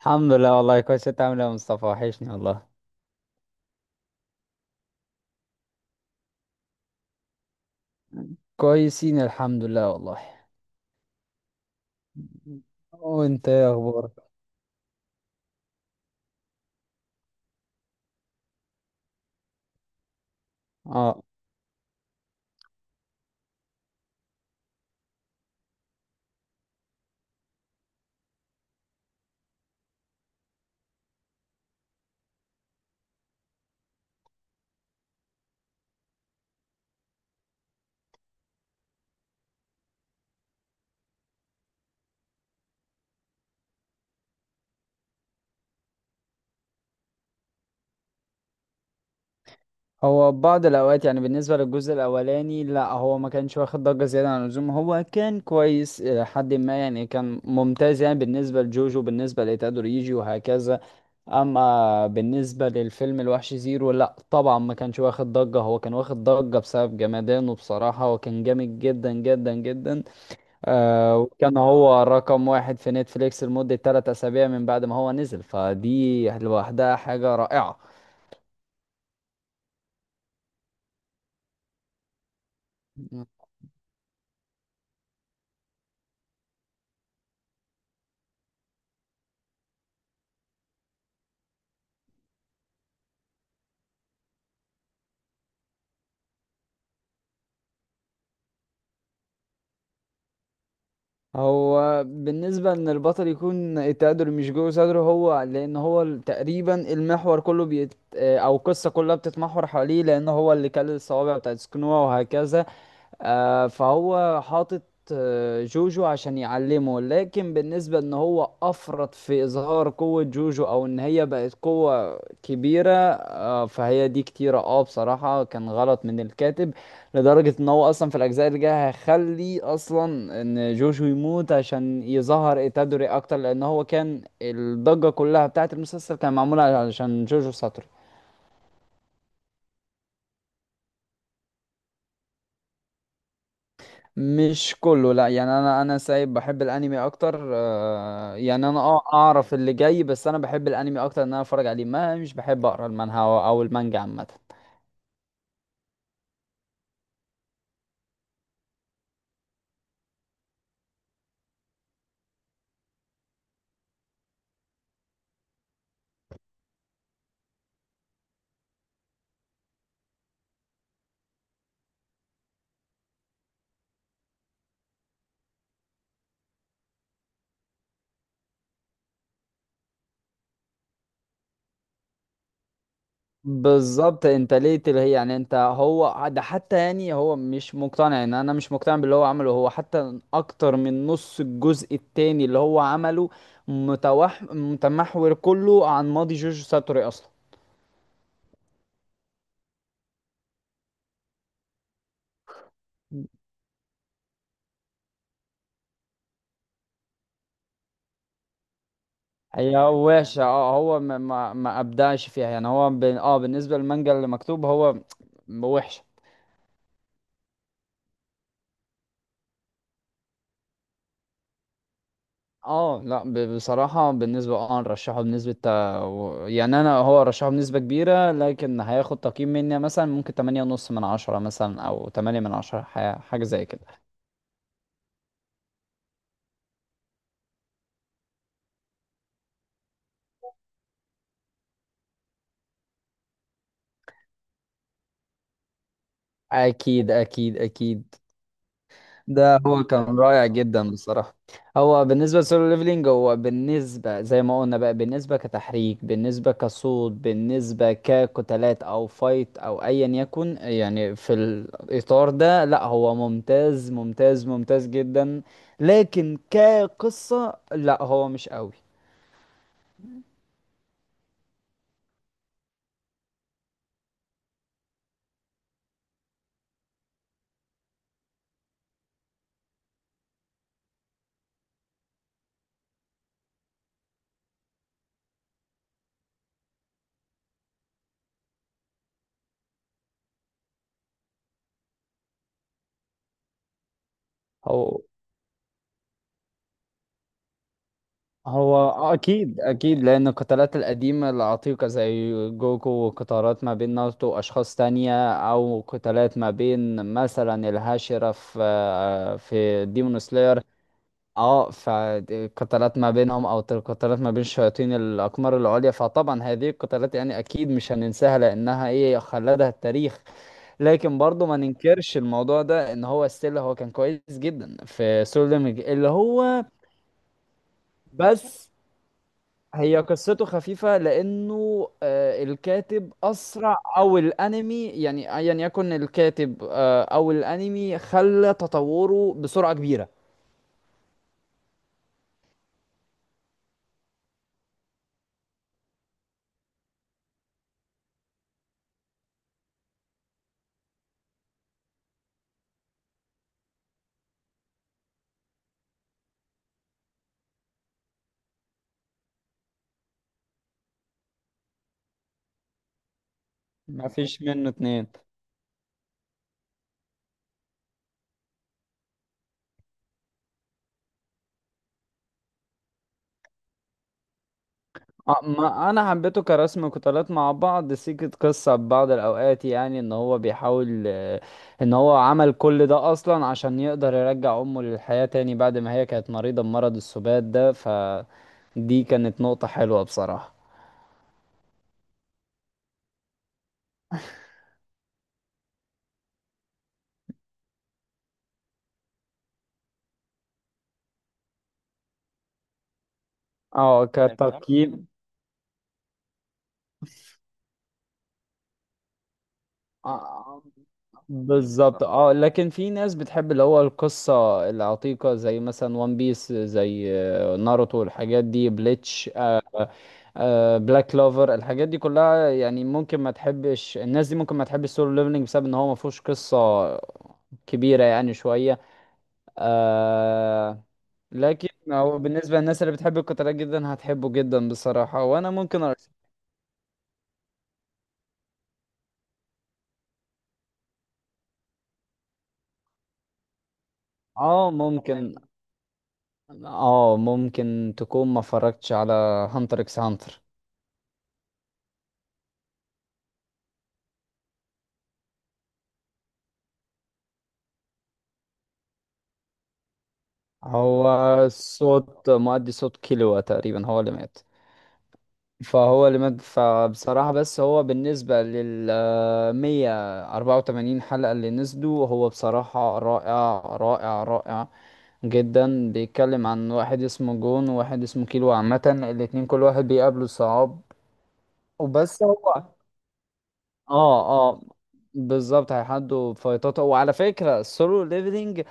الحمد لله والله كويس. انت عامل ايه يا مصطفى؟ وحشني والله. كويسين الحمد لله والله. وانت ايه اخبارك؟ اه، هو بعض الاوقات يعني بالنسبه للجزء الاولاني لا هو ما كانش واخد ضجه زياده عن اللزوم، هو كان كويس الى حد ما، يعني كان ممتاز يعني بالنسبه لجوجو بالنسبه لتادوريجي وهكذا. اما بالنسبه للفيلم الوحش زيرو لا طبعا ما كانش واخد ضجه، هو كان واخد ضجه بسبب جمدانه بصراحه وكان جامد جدا جدا جدا. وكان هو رقم واحد في نتفليكس لمدة 3 أسابيع من بعد ما هو نزل، فدي لوحدها حاجة رائعة. مم. هو بالنسبة إن البطل يكون التقدر مش جوه صدره هو، لأن هو تقريبا المحور كله بيت آه، أو القصة كلها بتتمحور حواليه، لأن هو اللي كل الصوابع بتاعت سكنوها وهكذا. فهو حاطط جوجو عشان يعلمه. لكن بالنسبة ان هو افرط في اظهار قوة جوجو او ان هي بقت قوة كبيرة، فهي دي كتيرة بصراحة كان غلط من الكاتب. لدرجة ان هو اصلا في الاجزاء اللي جاية هيخلي اصلا ان جوجو يموت عشان يظهر إيتادوري اكتر، لان هو كان الضجة كلها بتاعت المسلسل كان معمولة علشان جوجو ساتورو. مش كله، لا يعني انا سايب بحب الانمي اكتر. يعني انا اعرف اللي جاي، بس انا بحب الانمي اكتر ان انا اتفرج عليه، ما مش بحب اقرا المانهوا او المانجا عامه. بالظبط، انت ليه اللي هي يعني انت هو ده حتى، يعني هو مش مقتنع ان انا مش مقتنع باللي هو عمله، هو حتى اكتر من نص الجزء التاني اللي هو عمله متمحور كله عن ماضي جوجو ساتوري اصلا. هي وحشة، هو ما ابدعش فيها، يعني هو ب... اه بالنسبة للمانجا اللي مكتوب هو وحشة. اه، لا، بصراحة بالنسبة، نرشحه بنسبة يعني انا هو رشحه بنسبة كبيرة، لكن هياخد تقييم مني مثلا ممكن تمانية ونص من عشرة مثلا، او تمانية من عشرة حاجة زي كده. اكيد اكيد اكيد. ده هو كان رائع جدا بصراحة. هو بالنسبة للسولو ليفلينج، هو بالنسبة زي ما قلنا بقى، بالنسبة كتحريك بالنسبة كصوت بالنسبة كقتالات أو فايت أو أيا يكن، يعني في الإطار ده لا، هو ممتاز ممتاز ممتاز جدا. لكن كقصة لا هو مش قوي. هو اكيد اكيد، لان القتالات القديمه العتيقه زي جوكو، وقتالات ما بين ناروتو واشخاص تانية، او قتالات ما بين مثلا الهاشرة في ديمون سلاير. اه، فالقتالات ما بينهم، او القتالات ما بين شياطين الاقمار العليا، فطبعا هذه القتالات يعني اكيد مش هننساها لانها ايه خلدها التاريخ. لكن برضه ما ننكرش الموضوع ده ان هو ستيل هو كان كويس جدا في سولو ليميج اللي هو. بس هي قصته خفيفة، لأنه الكاتب أسرع، أو الأنمي يعني أيا يكن الكاتب، أو الأنمي خلى تطوره بسرعة كبيرة. ما فيش منه اتنين. ما أنا حبيته كرسم قتالات مع بعض، سيكة قصة ببعض الأوقات، يعني إن هو بيحاول، إن هو عمل كل ده أصلا عشان يقدر يرجع أمه للحياة تاني بعد ما هي كانت مريضة بمرض السبات ده، فدي كانت نقطة حلوة بصراحة. اه تمام، كتقييم. آه، بالظبط. اه، لكن في ناس بتحب اللي هو القصة العتيقة زي مثلا وان بيس، زي ناروتو، الحاجات دي، بليتش، بلاك كلوفر، الحاجات دي كلها، يعني ممكن ما تحبش، الناس دي ممكن ما تحبش سولو ليفلنج بسبب ان هو ما فيهوش قصة كبيرة يعني شوية. آه لكن هو بالنسبة للناس اللي بتحب القتالات جدا هتحبه جدا بصراحة، وانا ممكن أرشح. اه، ممكن. اه، ممكن تكون ما اتفرجتش على هانتر اكس هانتر. هو صوت مؤدي صوت كيلوا تقريبا هو اللي مات. فهو اللي مات، فبصراحة بس هو بالنسبة لل 184 حلقة اللي نزلوا هو بصراحة رائع رائع رائع جدا. بيتكلم عن واحد اسمه جون وواحد اسمه كيلو عامة، الاتنين كل واحد بيقابله صعاب وبس. هو اه اه بالظبط هيحدوا فايتات. وعلى فكرة السولو ليفلينج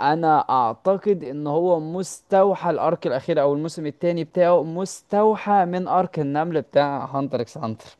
انا اعتقد ان هو مستوحى، الارك الاخير او الموسم الثاني بتاعه مستوحى من ارك النمل بتاع هانتر اكس هانتر.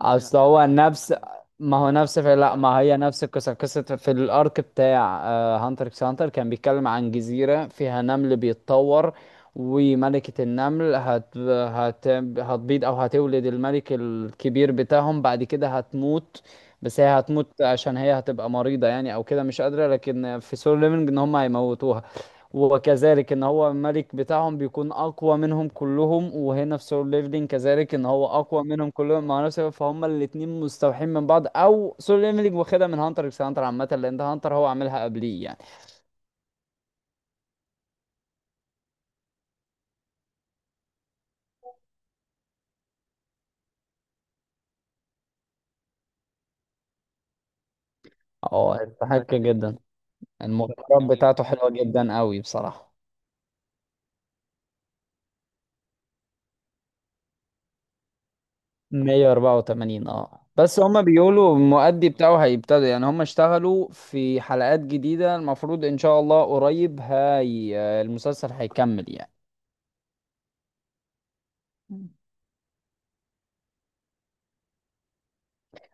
اصل هو نفس، ما هو نفس في، لا ما هي نفس القصة، قصة في الارك بتاع هانتر اكس هانتر كان بيتكلم عن جزيرة فيها نمل بيتطور، وملكة النمل هتبيض او هتولد الملك الكبير بتاعهم بعد كده هتموت. بس هي هتموت عشان هي هتبقى مريضة يعني او كده مش قادرة، لكن في سولو ليفنج ان هم هيموتوها. وكذلك ان هو الملك بتاعهم بيكون اقوى منهم كلهم، وهنا في سول ليفلين كذلك ان هو اقوى منهم كلهم مع نفسه، فهم الاتنين مستوحين من بعض. او سول ليفلين واخدها من هانتر اكس هانتر عامه لان ده هانتر هو عاملها قبليه يعني. اه يستحق جدا، المغامرات بتاعته حلوه جدا قوي بصراحه. 184، اه بس هما بيقولوا المؤدي بتاعه هيبتدوا، يعني هما اشتغلوا في حلقات جديدة، المفروض ان شاء الله قريب هاي المسلسل هيكمل يعني.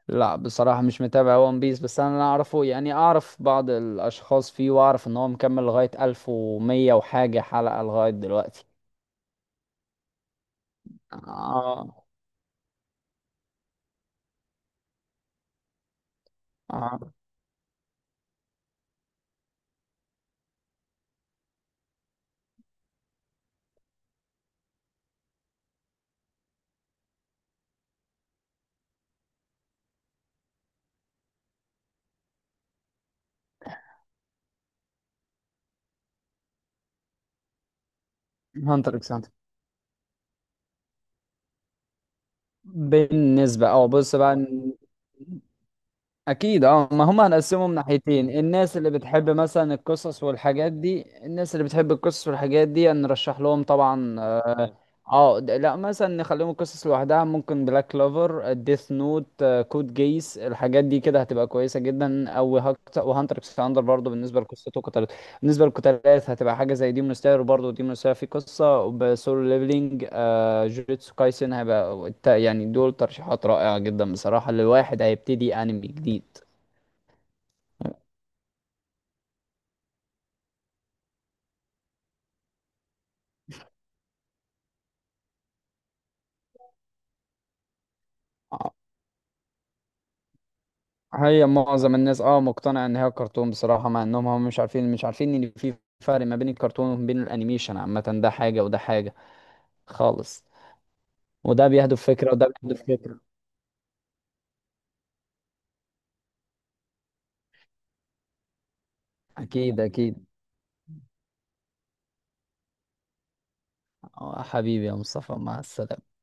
لا بصراحة مش متابع ون بيس، بس أنا اللي أعرفه يعني أعرف بعض الأشخاص فيه، وأعرف إن هو مكمل لغاية ألف ومية وحاجة حلقة لغاية دلوقتي. آه. آه، هانتر إكس هانتر. بالنسبة أه بص بقى. اكيد اه، ما هم هنقسمهم ناحيتين، الناس اللي بتحب مثلا القصص والحاجات دي، الناس اللي بتحب القصص والحاجات دي نرشح لهم طبعا اه. لا مثلا نخليهم القصص لوحدها ممكن بلاك كلوفر ديث نوت كود جيس الحاجات دي كده هتبقى كويسة جدا، وهانتر اكس هانتر برضه بالنسبة لقصته كانت. بالنسبة للقتالات هتبقى حاجة زي ديمون سلاير، وبرضه ديمون سلاير فيه قصة، وبسولو ليفلينج جوجيتسو كايسن هيبقى يعني دول ترشيحات رائعة جدا بصراحة لواحد هيبتدي أنمي جديد. آه، هي معظم الناس مقتنعة ان هي كرتون بصراحة، مع انهم هم مش عارفين ان في فرق ما بين الكرتون وما بين الانيميشن عامة، ده حاجة وده حاجة خالص. وده بيهدف فكرة وده بيهدف فكرة. اكيد اكيد. حبيبي يا مصطفى، مع السلامة.